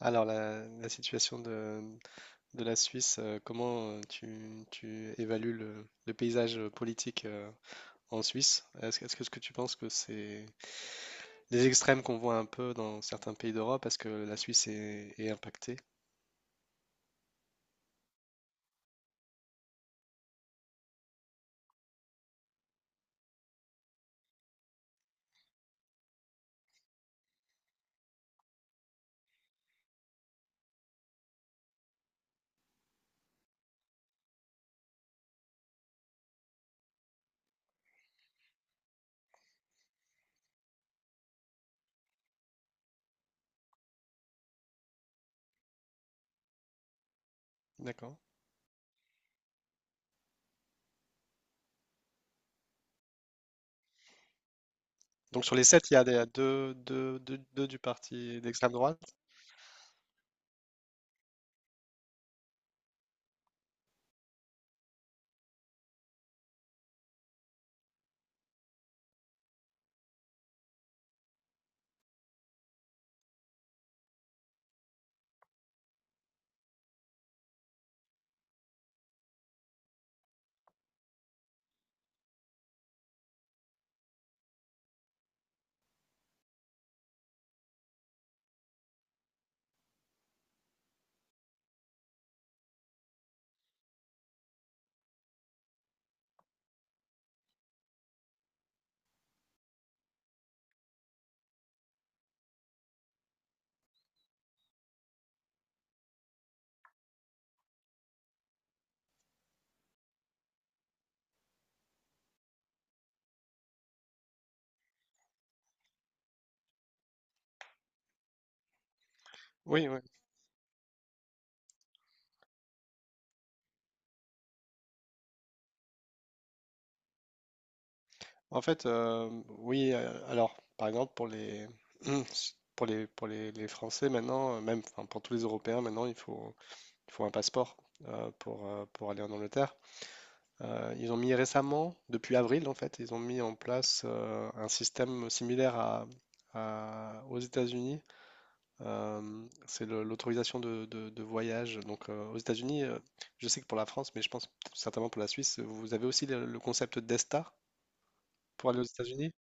Alors, la situation de la Suisse, comment tu évalues le paysage politique en Suisse? Est-ce que tu penses que c'est les extrêmes qu'on voit un peu dans certains pays d'Europe, est-ce que la Suisse est impactée? D'accord. Donc, sur les sept, il y a deux du parti d'extrême droite? Oui, oui. En fait, oui. Alors, par exemple, pour les Français maintenant, même enfin, pour tous les Européens maintenant, il faut un passeport pour aller en Angleterre. Ils ont mis récemment, depuis avril en fait, ils ont mis en place un système aux États-Unis. C'est le- l'autorisation de voyage. Donc aux États-Unis, je sais que pour la France, mais je pense certainement pour la Suisse, vous avez aussi le concept d'ESTA pour aller aux États-Unis?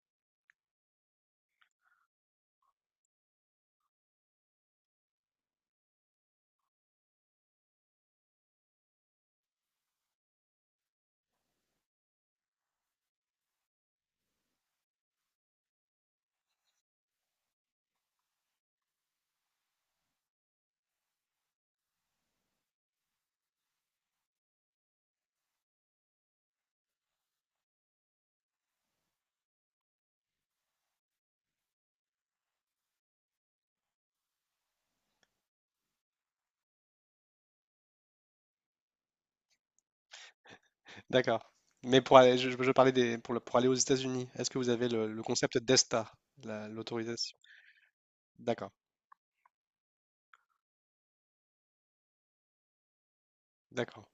D'accord. Mais je parlais pour aller aux États-Unis, est-ce que vous avez le concept d'ESTA, l'autorisation? D'accord, d'accord.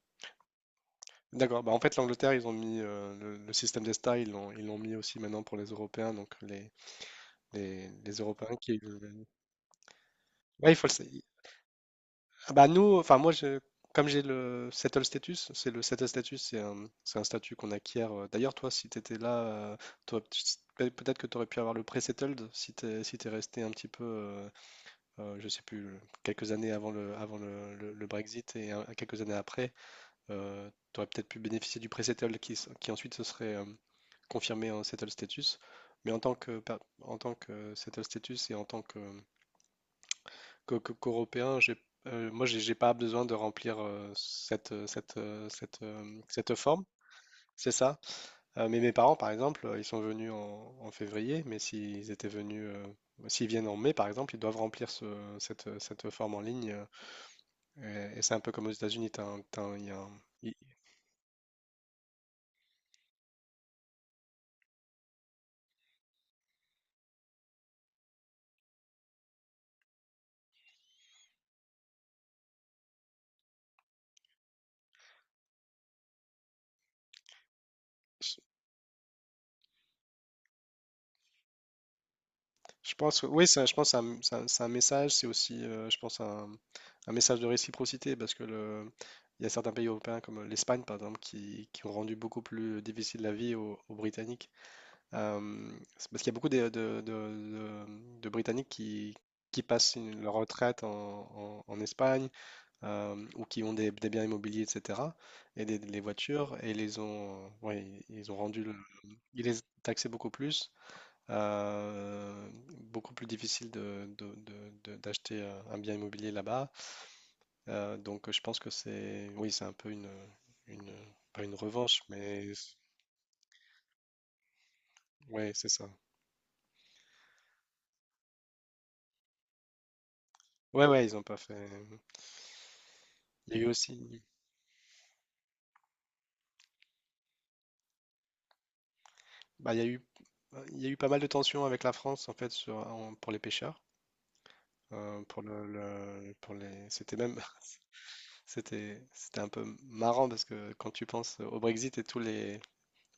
D'accord. Bah, en fait, l'Angleterre, ils ont mis le système d'ESTA, ils l'ont mis aussi maintenant pour les Européens. Donc, les Européens. Ouais, il faut le... sa- Ah, bah, nous, enfin, moi, comme j'ai le settle status, c'est un statut qu'on acquiert. D'ailleurs, toi, si tu étais là, t'aurais p- peut-être que tu aurais pu avoir le pré-settled si tu si t'es resté un petit peu, je sais plus, quelques années le Brexit et quelques années après. Tu aurais peut-être pu bénéficier du pré-settle qui ensuite se serait confirmé en settle status. Mais en tant que settle status et en tant qu'Européen, moi, j'ai pas besoin de remplir cette forme. C'est ça. Mais mes parents, par exemple, ils sont venus en février, mais s'ils viennent en mai, par exemple, ils doivent remplir cette forme en ligne. Et c'est un peu comme aux États-Unis. T'as un- t'as un- il y a un- il- Je pense que oui, ça, je pense que c'est un message, c'est aussi, je pense, un message de réciprocité parce que il y a certains pays européens comme l'Espagne, par exemple, qui ont rendu beaucoup plus difficile la vie aux Britanniques. C'est parce qu'il y a beaucoup de Britanniques qui passent leur retraite en Espagne ou qui ont des biens immobiliers, etc. Et les voitures et ouais, ils ont rendu le, ils les taxaient beaucoup plus. Euh, Beaucoup plus difficile d'acheter un bien immobilier là-bas. Donc je pense que oui, c'est un peu une, pas une revanche, mais ouais, c'est ça. Ouais, ouais, ils n'ont pas fait. Il y a eu aussi, Bah, il y a eu pas mal de tensions avec la France en fait pour les pêcheurs, pour le- pour les, c'était un peu marrant parce que quand tu penses au Brexit et tous les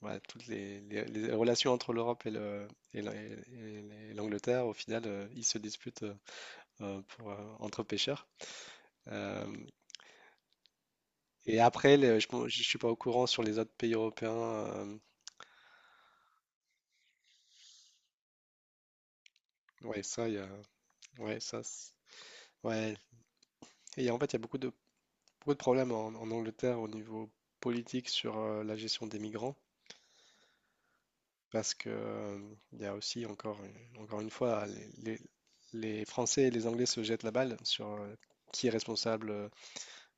voilà, les relations entre l'Europe et et la- et l'Angleterre, au final, ils se disputent entre pêcheurs. Euh, et après, je ne suis pas au courant sur les autres pays européens. Ouais, ça, il y a, ouais, ouais. Et en fait, il y a beaucoup de problèmes en Angleterre au niveau politique sur la gestion des migrants, parce que il y a aussi encore, encore une fois, les Français et les Anglais se jettent la balle sur qui est responsable euh,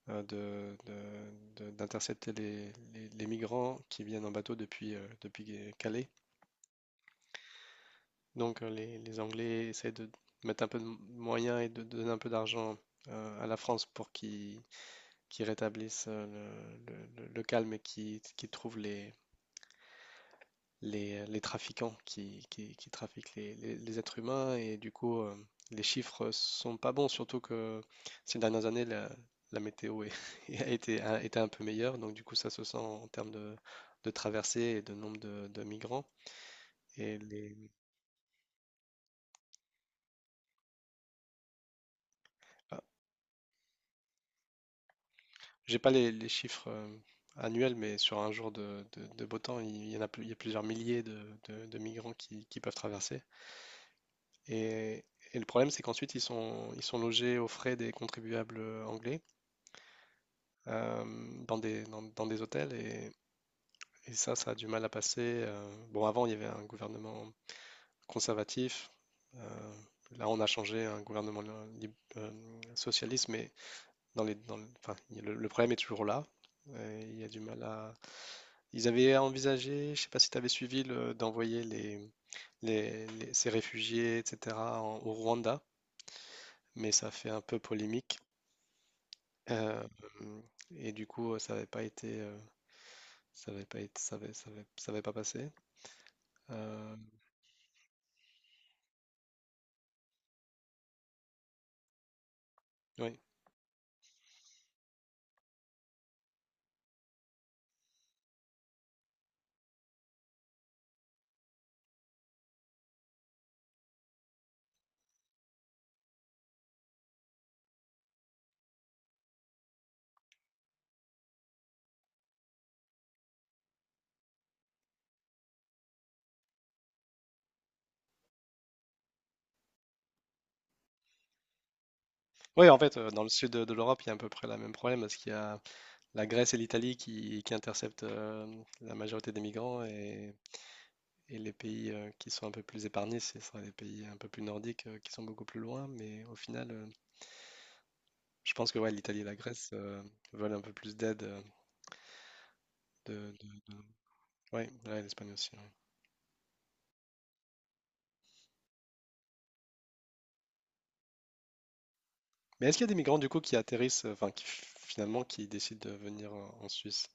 euh, d'intercepter les migrants qui viennent en bateau depuis Calais. Donc les Anglais essaient de mettre un peu de moyens et de donner un peu d'argent à la France pour qu'ils rétablissent le calme et qu'ils trouvent les trafiquants qui trafiquent les êtres humains et du coup les chiffres sont pas bons, surtout que ces dernières années la météo a été un peu meilleure, donc du coup ça se sent en termes de traversées et de nombre de migrants. Et les, ah, j'ai pas les chiffres annuels, mais sur un jour de beau temps, il y a plusieurs milliers de migrants qui peuvent traverser. Et, et le problème, c'est qu'ensuite, ils sont logés aux frais des contribuables anglais. euh, Dans des hôtels et ça a du mal à passer. Bon, avant, il y avait un gouvernement conservatif. euh, Là, on a changé un gouvernement lib- euh, socialiste, mais dans les, dans le, enfin, il y a le problème est toujours là. Et il y a du mal à. Ils avaient envisagé, je sais pas si tu avais suivi, d'envoyer ces réfugiés, etc., au Rwanda, mais ça fait un peu polémique. Euh, et du coup, ça n'avait pas été. Ça va pas être, ça va, ça va- Ça va pas passer. Euh, oui. Oui, en fait, dans le sud de l'Europe, il y a à peu près le même problème parce qu'il y a la Grèce et l'Italie qui interceptent la majorité des migrants et les pays qui sont un peu plus épargnés, ce sera les pays un peu plus nordiques qui sont beaucoup plus loin. Mais au final, je pense que ouais, l'Italie et la Grèce veulent un peu plus d'aide. De, de- de- Ouais, ouais, l'Espagne aussi. Ouais. Mais est-ce qu'il y a des migrants du coup qui atterrissent, enfin finalement qui décident de venir en Suisse?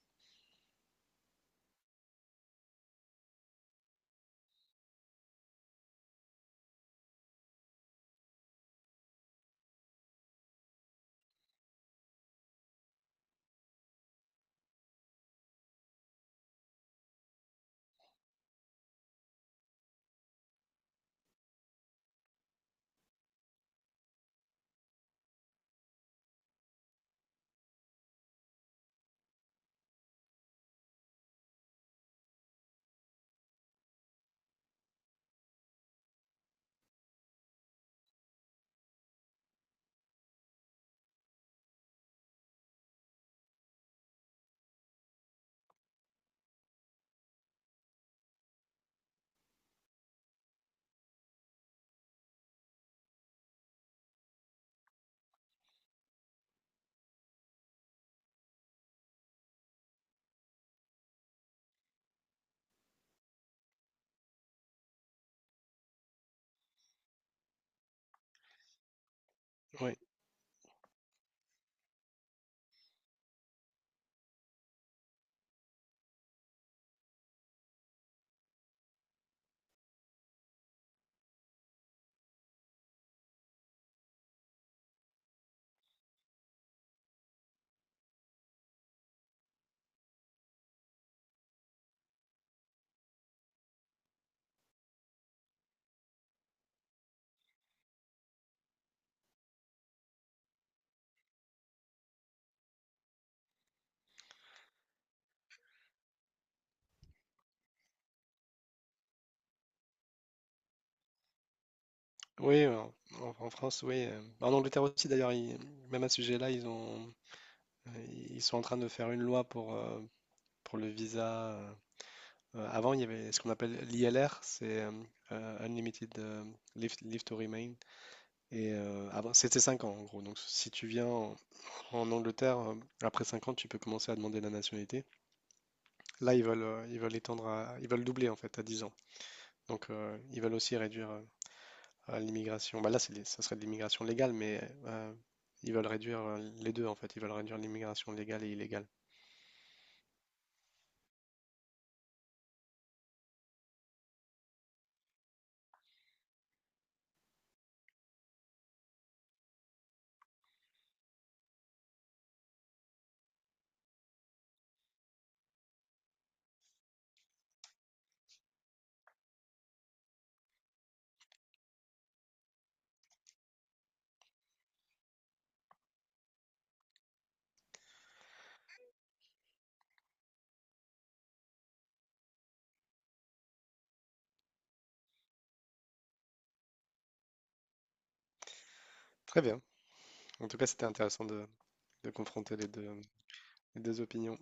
Oui. Oui, en France, oui. En Angleterre aussi, d'ailleurs, même à ce sujet-là, ils sont en train de faire une loi pour le visa. Avant, il y avait ce qu'on appelle l'ILR, c'est Unlimited Leave to Remain. Et avant, c'était 5 ans, en gros. Donc, si tu viens en Angleterre, après 5 ans, tu peux commencer à demander la nationalité. Là, ils veulent doubler, en fait, à 10 ans. Donc, ils veulent aussi réduire. À l'immigration. Bah là, ça serait de l'immigration légale, mais ils veulent réduire les deux, en fait. Ils veulent réduire l'immigration légale et illégale. Très bien. En tout cas, c'était intéressant de confronter les deux opinions.